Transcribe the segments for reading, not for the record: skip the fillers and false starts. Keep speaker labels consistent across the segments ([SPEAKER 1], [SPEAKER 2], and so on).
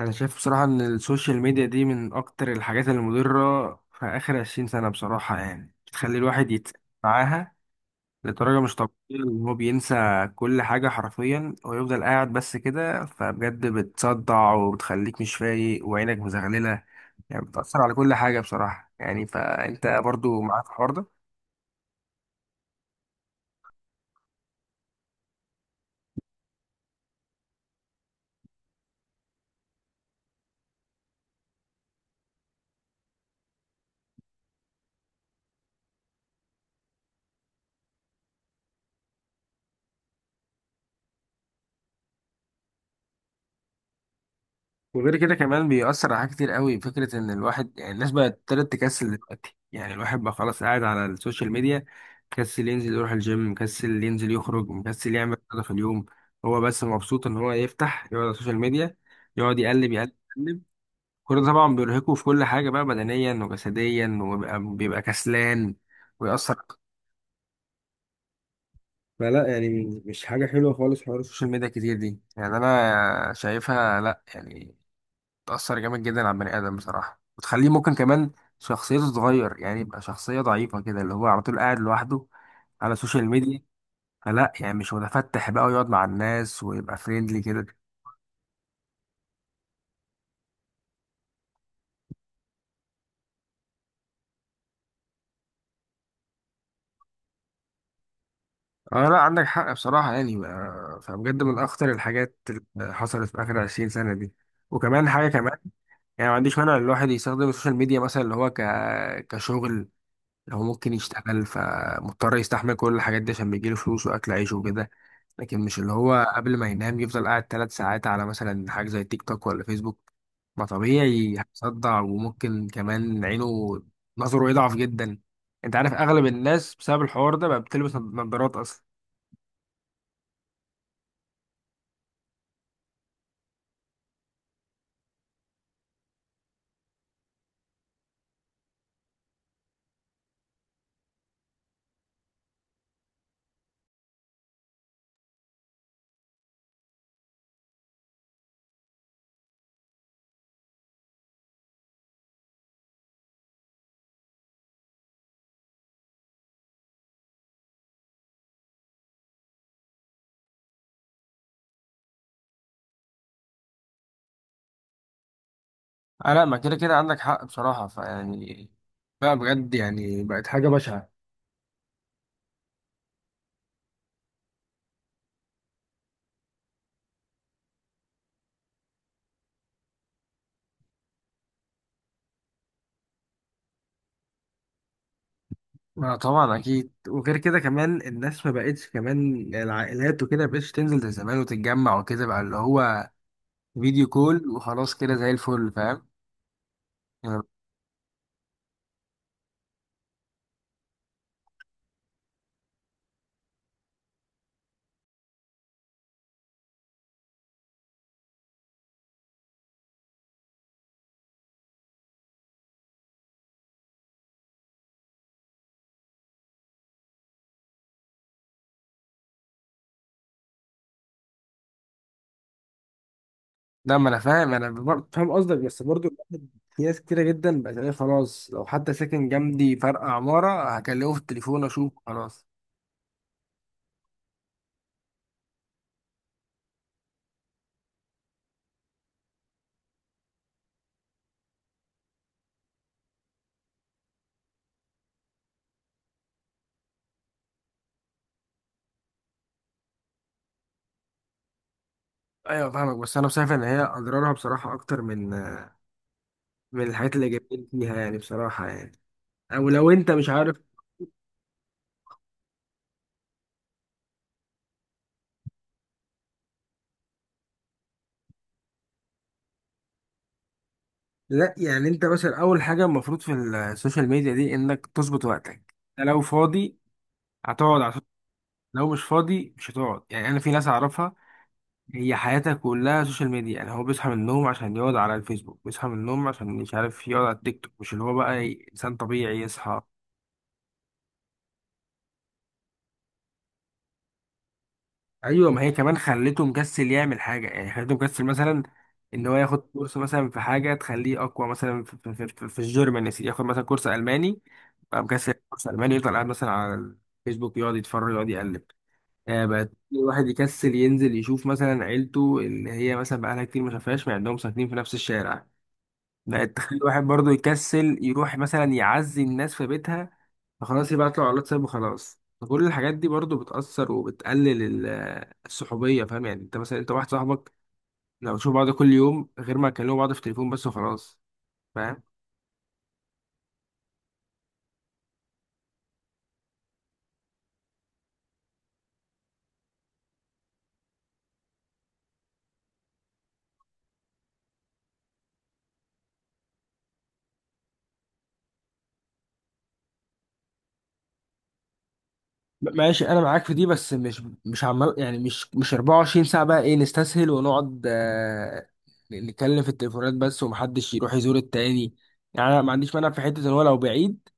[SPEAKER 1] انا شايف بصراحة ان السوشيال ميديا دي من اكتر الحاجات المضرة في اخر 20 سنة، بصراحة. يعني بتخلي الواحد يتسحب معاها لدرجة مش طبيعية، ان هو بينسى كل حاجة حرفيا ويفضل قاعد بس كده. فبجد بتصدع وبتخليك مش فايق وعينك مزغللة. يعني بتأثر على كل حاجة بصراحة، يعني فانت برضو معاك الحوار ده. وغير كده كمان بيأثر على حاجات كتير قوي، فكرة ان الواحد يعني الناس بقت ابتدت تكسل دلوقتي. يعني الواحد بقى خلاص قاعد على السوشيال ميديا، مكسل ينزل يروح الجيم، مكسل ينزل يخرج، مكسل يعمل حاجة في اليوم. هو بس مبسوط ان هو يفتح يقعد على السوشيال ميديا يقعد يقلب يقلب يقلب. كل ده طبعا بيرهقه في كل حاجة بقى، بدنيا وجسديا، وبيبقى بيبقى كسلان ويأثر. فلا يعني مش حاجة حلوة خالص حوار السوشيال ميديا كتير دي، يعني أنا شايفها لا. يعني بتأثر جامد جدا على البني آدم بصراحة وتخليه ممكن كمان شخصيته تتغير، يعني يبقى شخصية ضعيفة كده اللي هو على طول قاعد لوحده على السوشيال ميديا. فلا يعني مش متفتح بقى ويقعد مع الناس ويبقى فريندلي كده. اه لا، عندك حق بصراحة، يعني فبجد من أخطر الحاجات اللي حصلت في آخر 20 سنة دي. وكمان حاجة كمان، يعني ما عنديش مانع إن الواحد يستخدم السوشيال ميديا مثلا، اللي هو كشغل. لو هو ممكن يشتغل فمضطر يستحمل كل الحاجات دي عشان بيجيله فلوس وأكل عيشه وكده. لكن مش اللي هو قبل ما ينام يفضل قاعد 3 ساعات على مثلا حاجة زي تيك توك ولا فيسبوك. ما طبيعي هيصدع، وممكن كمان عينه نظره يضعف جدا. انت عارف اغلب الناس بسبب الحوار ده بقى بتلبس نظارات اصلا. آه لا، ما كده كده عندك حق بصراحة، فيعني بقى بجد يعني بقت حاجة بشعة. ما طبعا أكيد. وغير كده كمان الناس ما بقتش، كمان العائلات وكده ما بقتش تنزل زي زمان وتتجمع وكده، بقى اللي هو فيديو كول وخلاص كده زي الفل، فاهم يعني. لا، ما انا فاهم، انا فاهم قصدك، بس برضو الواحد، في ناس كتيرة جدا بقت تلاقيه خلاص لو حتى ساكن جنبي فرق عمارة هكلمه في التليفون اشوف خلاص. ايوه فاهمك، بس انا شايف ان هي اضرارها بصراحة اكتر من الحاجات الايجابية اللي جايبين فيها، يعني بصراحة يعني. او لو انت مش عارف. لا، يعني انت مثلا اول حاجة المفروض في السوشيال ميديا دي انك تظبط وقتك. أنت لو فاضي هتقعد على السوشيال-، لو مش فاضي مش هتقعد. يعني انا في ناس اعرفها هي حياتها كلها سوشيال ميديا. يعني هو بيصحى من النوم عشان يقعد على الفيسبوك، بيصحى من النوم عشان مش عارف يقعد على التيك توك، مش اللي هو بقى انسان طبيعي يصحى. ايوه، ما هي كمان خلته مكسل يعمل حاجه، يعني خلته مكسل مثلا ان هو ياخد كورس مثلا في حاجه تخليه اقوى، مثلا في الجيرمان يا سيدي، ياخد مثلا كورس الماني. بقى مكسل كورس الماني، يفضل قاعد مثلا على الفيسبوك يقعد يتفرج يقعد يقلب. بقى الواحد يكسل ينزل يشوف مثلا عيلته اللي هي مثلا بقالها كتير ما شافهاش، مع انهم ساكنين في نفس الشارع. لا، تخلي الواحد برضو يكسل يروح مثلا يعزي الناس في بيتها، فخلاص يبعت له على الواتساب وخلاص. فكل الحاجات دي برضو بتأثر وبتقلل الصحوبية، فاهم يعني. انت مثلا، انت واحد صاحبك لو تشوف بعض كل يوم غير ما تكلموا بعض في التليفون بس وخلاص، فاهم. ماشي، انا معاك في دي، بس مش عمال، يعني مش 24 ساعة بقى ايه نستسهل ونقعد نتكلم في التليفونات بس ومحدش يروح يزور التاني. يعني انا ما عنديش مانع في حتة ان هو لو بعيد،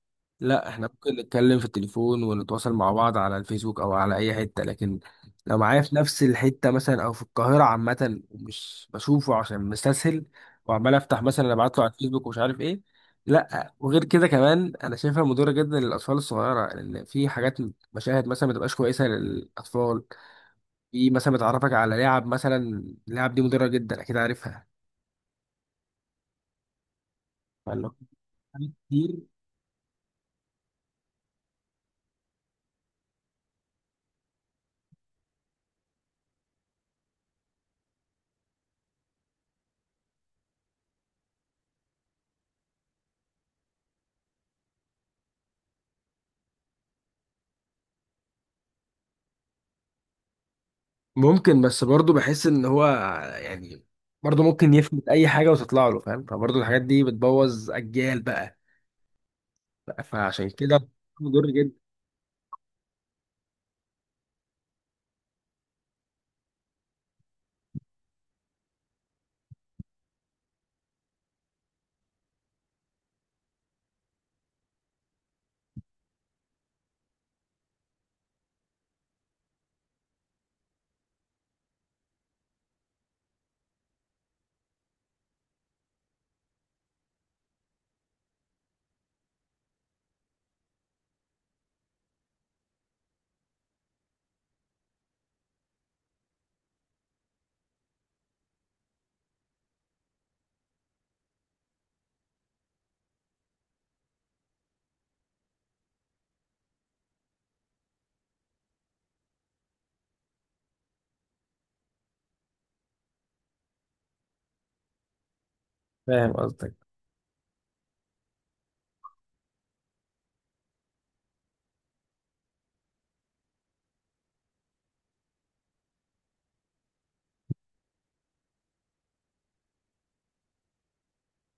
[SPEAKER 1] لا احنا ممكن نتكلم في التليفون ونتواصل مع بعض على الفيسبوك او على اي حتة. لكن لو معايا في نفس الحتة مثلا او في القاهرة عامة ومش بشوفه عشان مستسهل، وعمال افتح مثلا ابعت له على الفيسبوك ومش عارف ايه. لا، وغير كده كمان انا شايفها مضره جدا للاطفال الصغيره، لان في حاجات، مشاهد مثلا ما تبقاش كويسه للاطفال. في مثلا بتعرفك على لعب مثلا، اللعب دي مضره جدا، اكيد عارفها. فاللي هو حاجات كتير ممكن، بس برضه بحس ان هو يعني برضه ممكن يفلت اي حاجه وتطلع له، فاهم. فبرضه الحاجات دي بتبوظ اجيال بقى، فعشان كده مضر جدا. فاهم قصدك.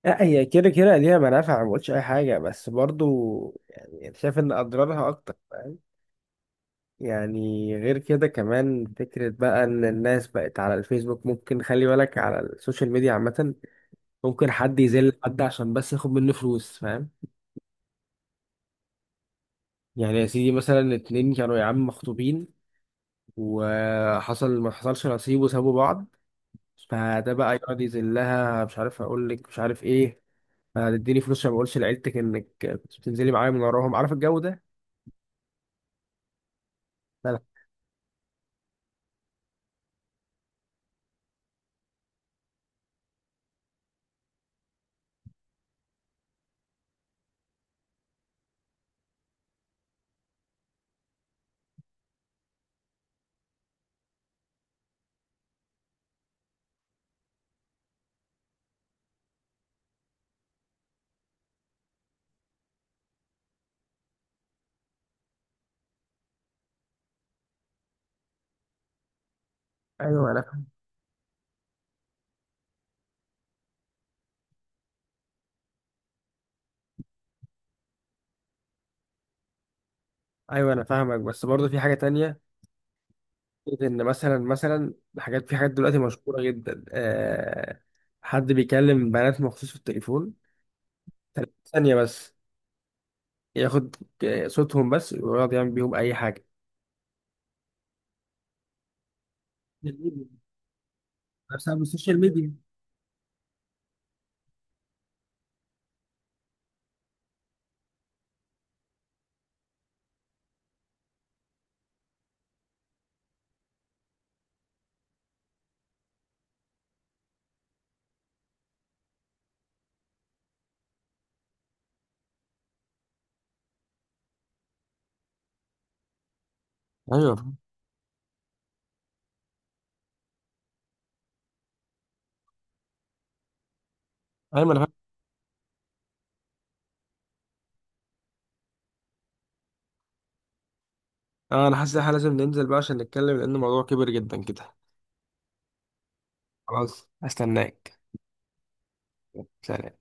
[SPEAKER 1] لا، هي كده كده ليها منافع، ما بقولش اي حاجه، بس برضو يعني شايف ان اضرارها اكتر. يعني غير كده كمان فكرة بقى إن الناس بقت على الفيسبوك، ممكن خلي بالك على السوشيال ميديا عامة، ممكن حد يذل حد عشان بس ياخد منه فلوس، فاهم. يعني يا سيدي، مثلا 2 كانوا يا عم مخطوبين، وحصل ما حصلش نصيب وسابوا بعض، فده بقى يقعد يذلها، مش عارف أقول لك مش عارف إيه. هتديني فلوس عشان ما أقولش لعيلتك إنك كنت بتنزلي معايا من وراهم، عارف الجو ده؟ لا لا. أيوه أنا أيوه أنا فاهمك، بس برضه في حاجة تانية، ان مثلا حاجات، في حاجات دلوقتي مشهوره جدا. حد بيكلم بنات مخصوص في التليفون 30 ثانيه بس، ياخد صوتهم بس ويقعد يعمل بيهم اي حاجه، بسبب السوشيال ميديا. ايوه، ايوه ما انا فاهم. اه، انا حاسس ان احنا لازم ننزل بقى عشان نتكلم، لان الموضوع كبير جدا كده. خلاص استناك. سلام.